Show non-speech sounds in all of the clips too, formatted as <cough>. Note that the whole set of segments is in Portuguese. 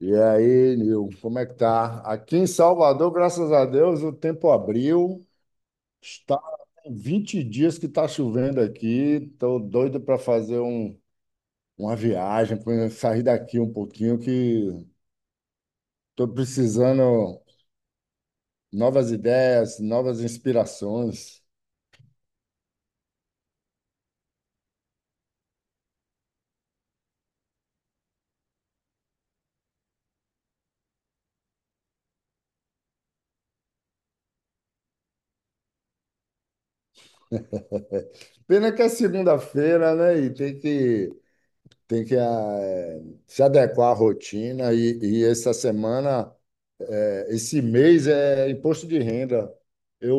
E aí, Nil, como é que tá? Aqui em Salvador, graças a Deus, o tempo abriu. Está tem 20 dias que está chovendo aqui. Estou doido para fazer uma viagem, para sair daqui um pouquinho, que estou precisando novas ideias, novas inspirações. Pena que é segunda-feira, né? E tem que se adequar à rotina. E essa semana, esse mês é imposto de renda. Eu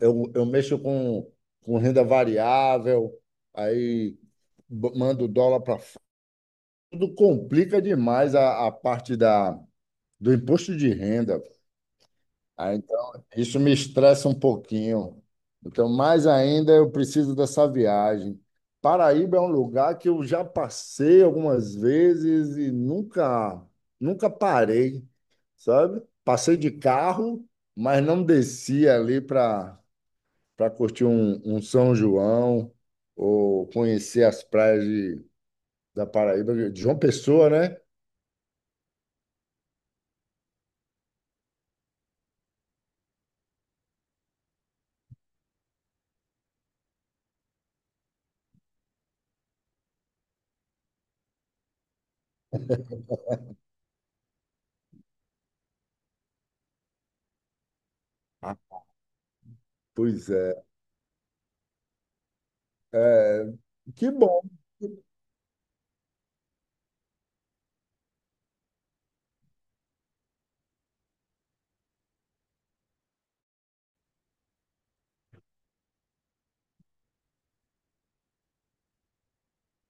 eu mexo com renda variável, aí mando o dólar para fora. Tudo complica demais a parte do imposto de renda. Ah, então, isso me estressa um pouquinho. Então, mais ainda, eu preciso dessa viagem. Paraíba é um lugar que eu já passei algumas vezes e nunca parei, sabe? Passei de carro, mas não desci ali para curtir um São João ou conhecer as praias da Paraíba, de João Pessoa, né? Ah, pois é. É. Que bom.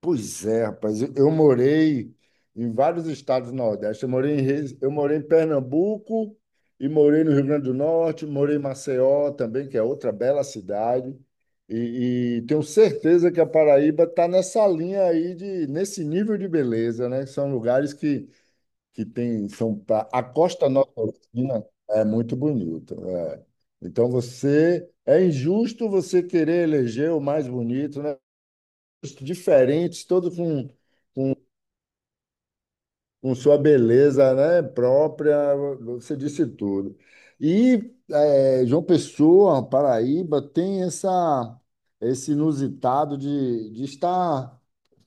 Pois é, rapaz. Eu morei em vários estados do Nordeste. Eu morei em Pernambuco e morei no Rio Grande do Norte, morei em Maceió também, que é outra bela cidade. E tenho certeza que a Paraíba está nessa linha aí nesse nível de beleza, né? São lugares que tem A Costa Nordestina é muito bonita. É. Então você é injusto você querer eleger o mais bonito, né? Diferentes, todos com sua beleza, né, própria, você disse tudo. E João Pessoa, Paraíba, tem esse inusitado de estar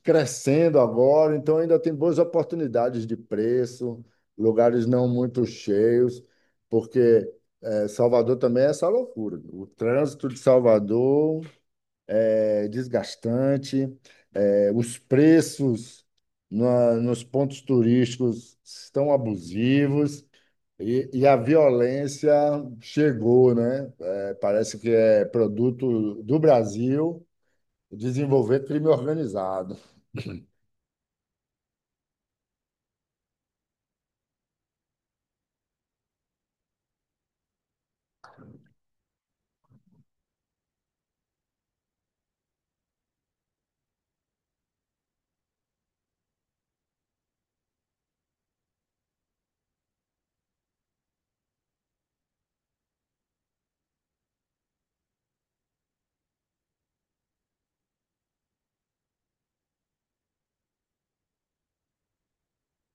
crescendo agora, então ainda tem boas oportunidades de preço, lugares não muito cheios, porque Salvador também é essa loucura. O trânsito de Salvador é desgastante, é, os preços nos pontos turísticos estão abusivos e a violência chegou, né? É, parece que é produto do Brasil desenvolver crime organizado.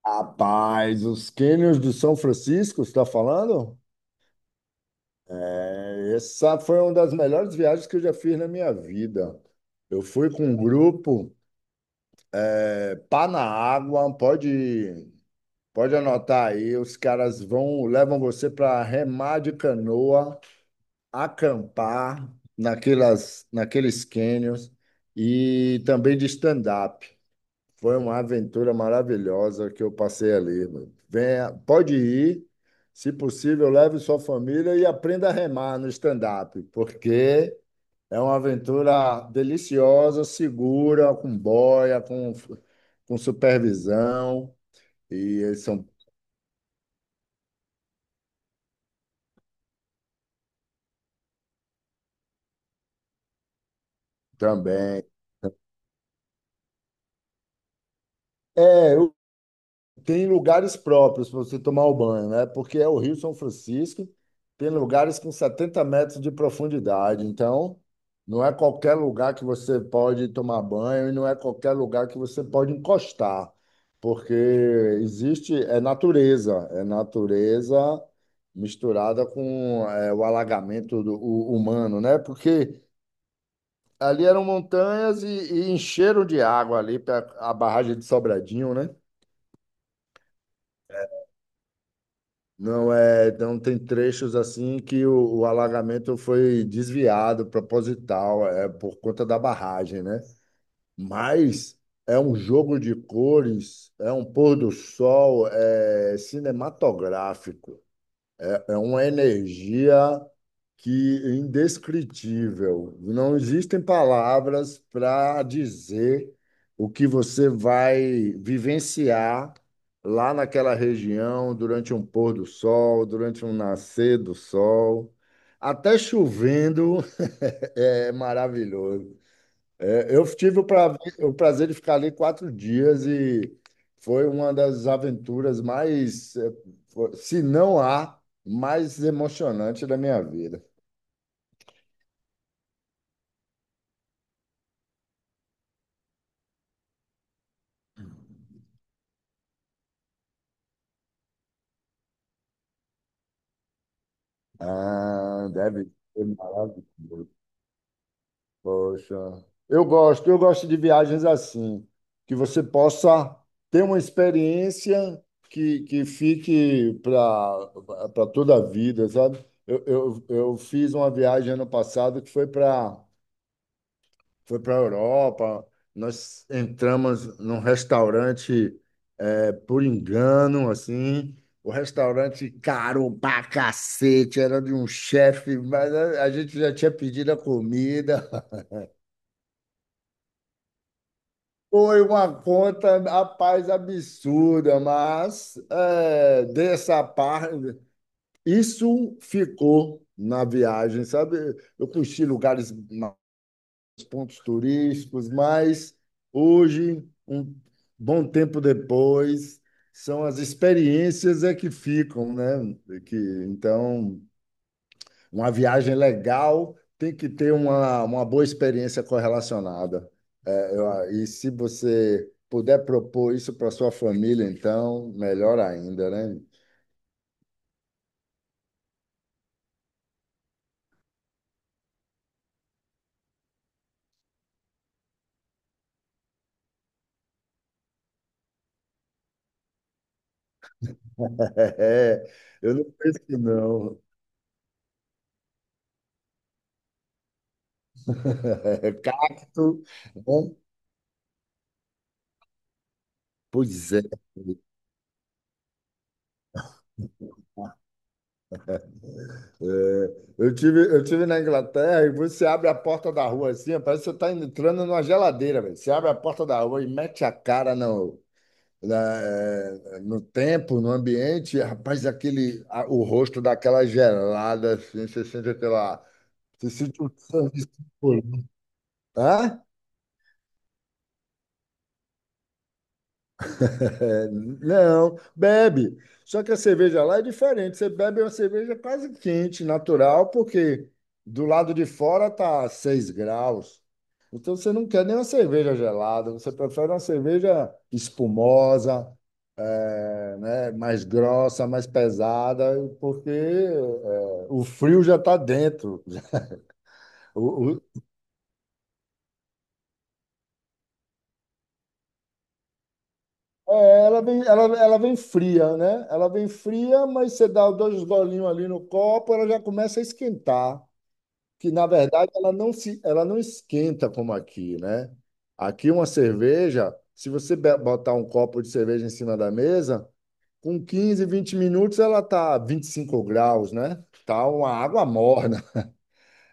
Rapaz, os cânions do São Francisco, você está falando? Essa foi uma das melhores viagens que eu já fiz na minha vida. Eu fui com um grupo, é, pá na água, pode. Pode anotar aí, os caras vão, levam você para remar de canoa, acampar naqueles canyons e também de stand-up. Foi uma aventura maravilhosa que eu passei ali, mano. Venha, pode ir, se possível, leve sua família e aprenda a remar no stand-up, porque é uma aventura deliciosa, segura, com boia, com supervisão. E eles são também. É, eu- Tem lugares próprios para você tomar o banho, né? Porque é o Rio São Francisco, tem lugares com 70 metros de profundidade. Então, não é qualquer lugar que você pode tomar banho e não é qualquer lugar que você pode encostar, porque existe, é natureza misturada com o alagamento humano, né? Porque ali eram montanhas e encheram de água ali para a barragem de Sobradinho, né? Não é, então tem trechos assim que o alagamento foi desviado, proposital, é por conta da barragem, né? Mas é um jogo de cores, é um pôr do sol, é cinematográfico. É uma energia que é indescritível. Não existem palavras para dizer o que você vai vivenciar lá naquela região durante um pôr do sol, durante um nascer do sol. Até chovendo <laughs> é maravilhoso. É, eu tive o, o prazer de ficar ali quatro dias e foi uma das aventuras mais, se não a mais emocionante da minha vida. Ah, deve ser maravilhoso. Poxa, eu gosto de viagens assim, que você possa ter uma experiência que fique para toda a vida, sabe? Eu fiz uma viagem ano passado que foi para a Europa. Nós entramos num restaurante por engano, assim. O restaurante caro pra cacete, era de um chefe, mas a gente já tinha pedido a comida. <laughs> Foi uma conta, rapaz, absurda, mas é, dessa parte, isso ficou na viagem, sabe? Eu conheci lugares pontos turísticos, mas hoje, um bom tempo depois, são as experiências é que ficam, né? Que, então, uma viagem legal tem que ter uma boa experiência correlacionada. É, e se você puder propor isso para sua família, então, melhor ainda, né? <laughs> É, eu não penso que não. <laughs> Cacto, bom, pois é. É, eu tive na Inglaterra e você abre a porta da rua assim, parece que você está entrando numa geladeira, velho. Você abre a porta da rua e mete a cara no tempo, no ambiente, e, rapaz, o rosto daquela gelada, assim, você sente aquela. Você sente um sangue circulando. Hã? É, não, bebe. Só que a cerveja lá é diferente. Você bebe uma cerveja quase quente, natural, porque do lado de fora tá 6 graus. Então você não quer nem uma cerveja gelada, você prefere uma cerveja espumosa, é, né, mais grossa, mais pesada, porque é, o frio já está dentro. O- é, ela vem fria, né? Ela vem fria, mas você dá dois golinhos ali no copo, ela já começa a esquentar. Que na verdade ela não esquenta como aqui, né? Aqui uma cerveja, se você botar um copo de cerveja em cima da mesa, com 15 20 minutos ela tá 25 graus, né? Tá uma água morna.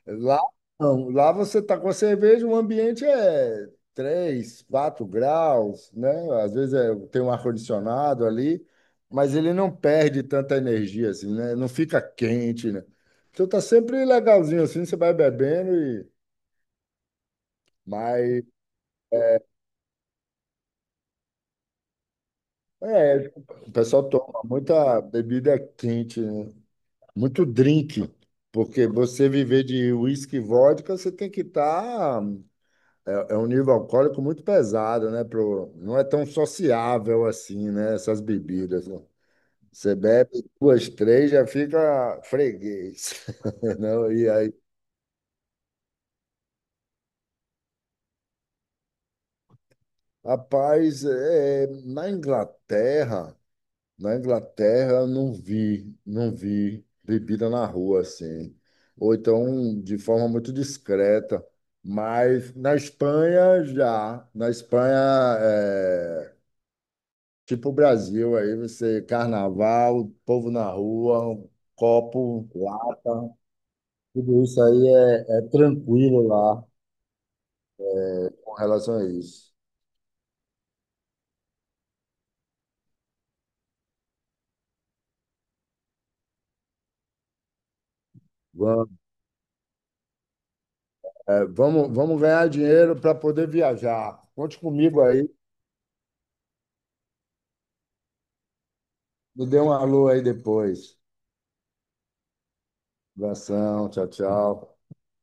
Lá não, lá você está com a cerveja, o ambiente é 3, 4 graus, né? Às vezes tem um ar-condicionado ali, mas ele não perde tanta energia assim, né? Não fica quente, né? Então tá sempre legalzinho assim, você vai bebendo e mas é, o pessoal toma muita bebida quente, né? Muito drink, porque você viver de uísque e vodka, você tem que estar. É um nível alcoólico muito pesado, né? Pro, não é tão sociável assim, né? Essas bebidas. Né? Você bebe duas, três, já fica freguês, <laughs> não? E aí, rapaz, na Inglaterra eu não vi bebida na rua assim, ou então de forma muito discreta. Mas na Espanha é, tipo o Brasil, aí você, carnaval, povo na rua, um copo, lata, tudo isso aí é, é tranquilo lá com relação a isso. Vamos, vamos ganhar dinheiro para poder viajar. Conte comigo aí, me dê um alô aí depois. Abração, tchau, tchau.